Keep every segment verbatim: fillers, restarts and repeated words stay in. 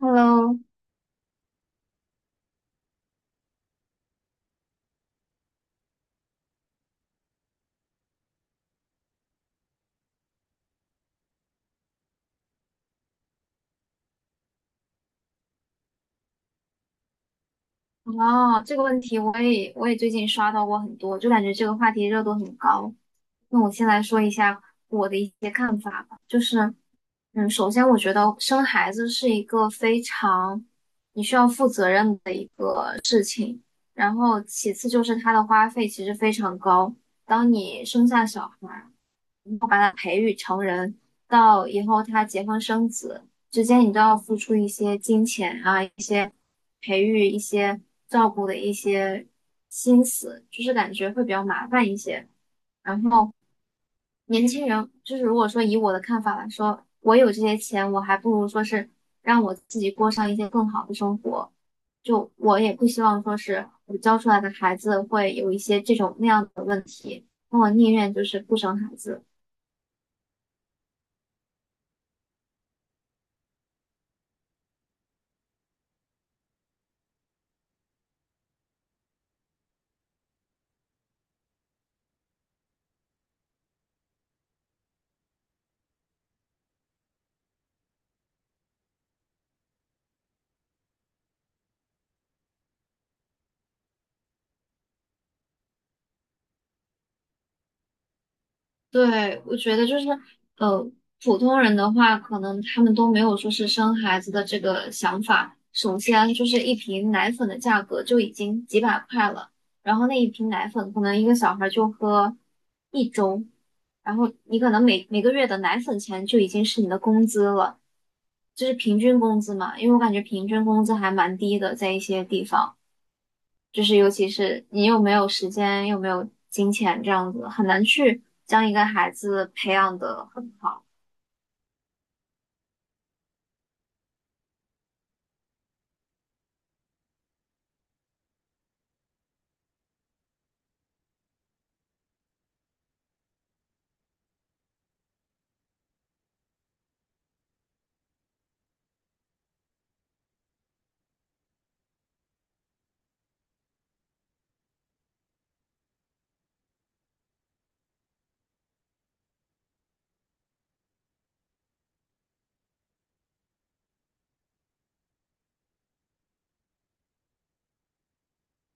Hello，哦，这个问题我也我也最近刷到过很多，就感觉这个话题热度很高。那我先来说一下我的一些看法吧，就是，嗯，首先我觉得生孩子是一个非常你需要负责任的一个事情，然后其次就是它的花费其实非常高。当你生下小孩到以后他结婚生子之间，你都要付出一些金钱啊。一些。培育一些照顾的一些心思，就是感觉会比较麻烦一些。然后年轻人，就是如果说以我的看法来说，我有这些钱，我还不如说是让我自己过上一些更好的生活。就我也不希望说是我教出来的孩子会有一些这种那样的问题，那我宁愿就是不生孩子。对，我觉得就是，呃，普通人的话，可能他们都没有说是生孩子的这个想法。首先就是一瓶奶粉的价格就已经几百块了，然后那一瓶奶粉可能一个小孩就喝一周，然后你可能每每个月的奶粉钱就已经是你的工资了，就是平均工资嘛，因为我感觉平均工资还蛮低的，在一些地方。就是尤其是你又没有时间，又没有金钱，这样子很难去将一个孩子培养得很好。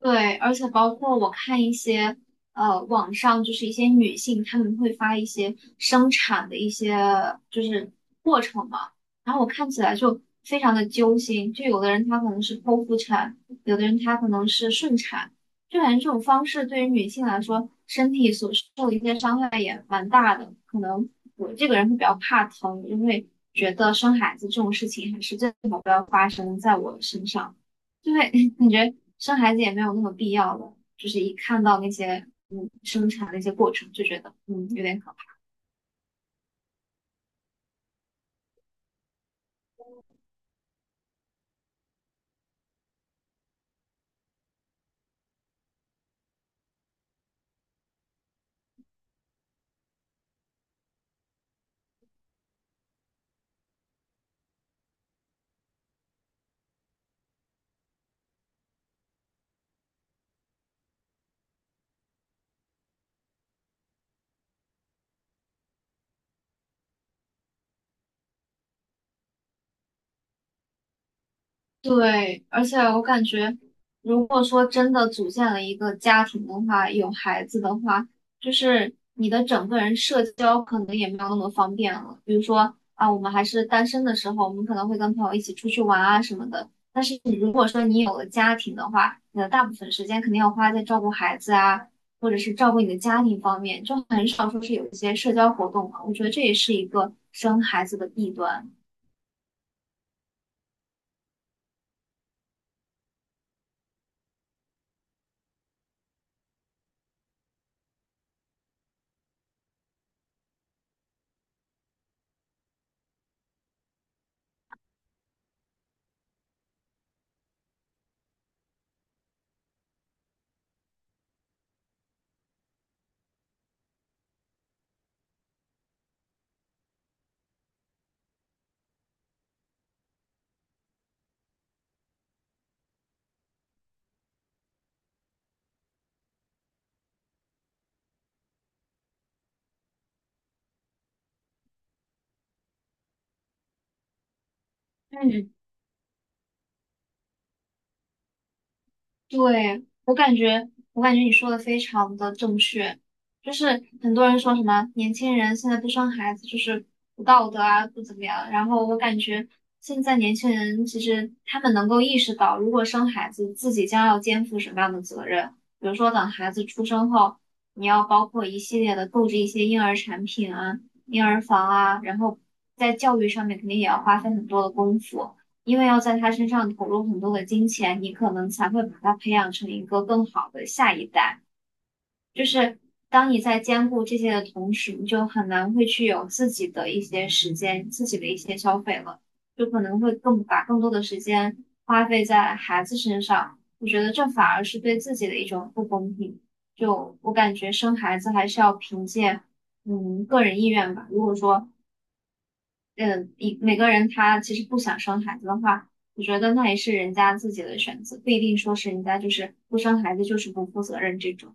对，而且包括我看一些呃网上就是一些女性，她们会发一些生产的一些就是过程嘛，然后我看起来就非常的揪心，就有的人她可能是剖腹产，有的人她可能是顺产，就感觉这种方式对于女性来说，身体所受的一些伤害也蛮大的。可能我这个人会比较怕疼，因为觉得生孩子这种事情还是最好不要发生在我身上。对，感觉生孩子也没有那么必要了，就是一看到那些嗯生产的一些过程，就觉得嗯有点可。对，而且我感觉，如果说真的组建了一个家庭的话，有孩子的话，就是你的整个人社交可能也没有那么方便了。比如说啊，我们还是单身的时候，我们可能会跟朋友一起出去玩啊什么的。但是你如果说你有了家庭的话，你的大部分时间肯定要花在照顾孩子啊，或者是照顾你的家庭方面，就很少说是有一些社交活动了。我觉得这也是一个生孩子的弊端。对，我感觉，我感觉你说的非常的正确，就是很多人说什么年轻人现在不生孩子就是不道德啊，不怎么样。然后我感觉现在年轻人其实他们能够意识到，如果生孩子，自己将要肩负什么样的责任，比如说等孩子出生后，你要包括一系列的购置一些婴儿产品啊、婴儿房啊，然后在教育上面肯定也要花费很多的功夫。因为要在他身上投入很多的金钱，你可能才会把他培养成一个更好的下一代。就是当你在兼顾这些的同时，你就很难会去有自己的一些时间、自己的一些消费了，就可能会更把更多的时间花费在孩子身上。我觉得这反而是对自己的一种不公平。就我感觉生孩子还是要凭借嗯个人意愿吧。如果说嗯，一每个人他其实不想生孩子的话，我觉得那也是人家自己的选择，不一定说是人家就是不生孩子就是不负责任这种。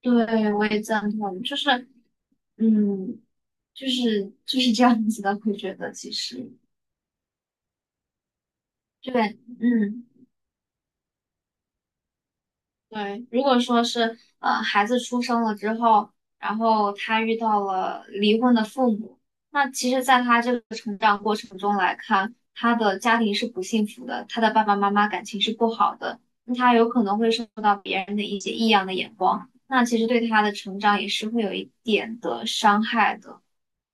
对，我也赞同，就是嗯，就是就是这样子的，会觉得其实对，嗯。对，如果说是呃孩子出生了之后，然后他遇到了离婚的父母，那其实，在他这个成长过程中来看，他的家庭是不幸福的，他的爸爸妈妈感情是不好的，那他有可能会受到别人的一些异样的眼光，那其实对他的成长也是会有一点的伤害的。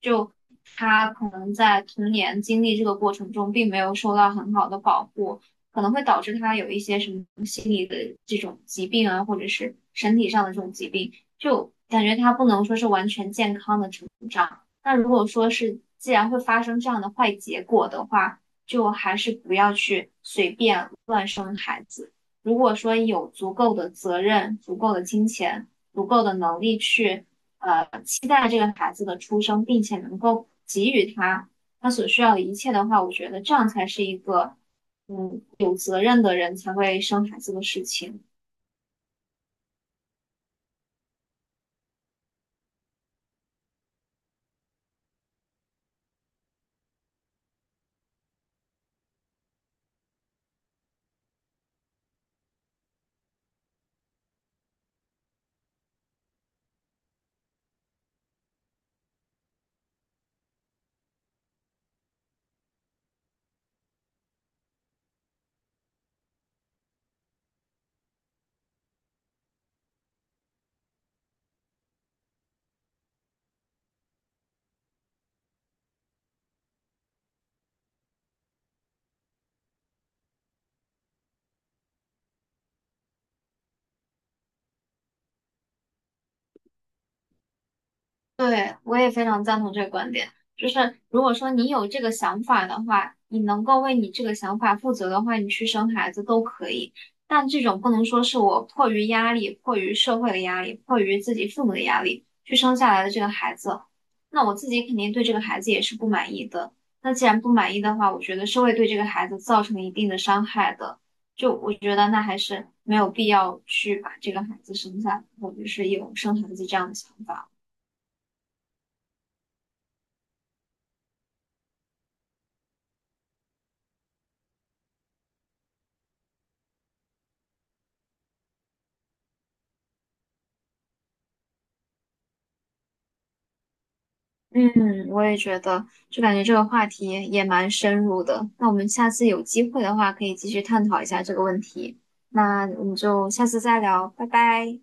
就他可能在童年经历这个过程中，并没有受到很好的保护，可能会导致他有一些什么心理的这种疾病啊，或者是身体上的这种疾病，就感觉他不能说是完全健康的成长。那如果说是既然会发生这样的坏结果的话，就还是不要去随便乱如果说有足够的责任、足够的金钱、足够的能力去呃期待这个孩子的出生，并且能够给予他他所需要的一切的话，我觉得这样才是一个嗯有责任的人才会生孩子的事情。对，我也非常赞同这个观点。就是如果说你有这个想法的话，你能够为你这个想法负责的话，你去生孩子都可以。但这种不能说是我迫于压力、迫于社会的压力、迫于自己父母的压力去生下来的这个孩子，那我自己肯定对这个孩子也是不满意的。那既然不满意的话，我觉得是会对这个孩子造成一定的伤害的。就我觉得那还是没有必要去把这个孩子生下来，我就是有生孩子这样的想法。嗯，我也觉得，就感觉这个话题也蛮深入的。那我们下次有机会的话，可以继续探讨一下这个问题。那我们就下次再聊，拜拜。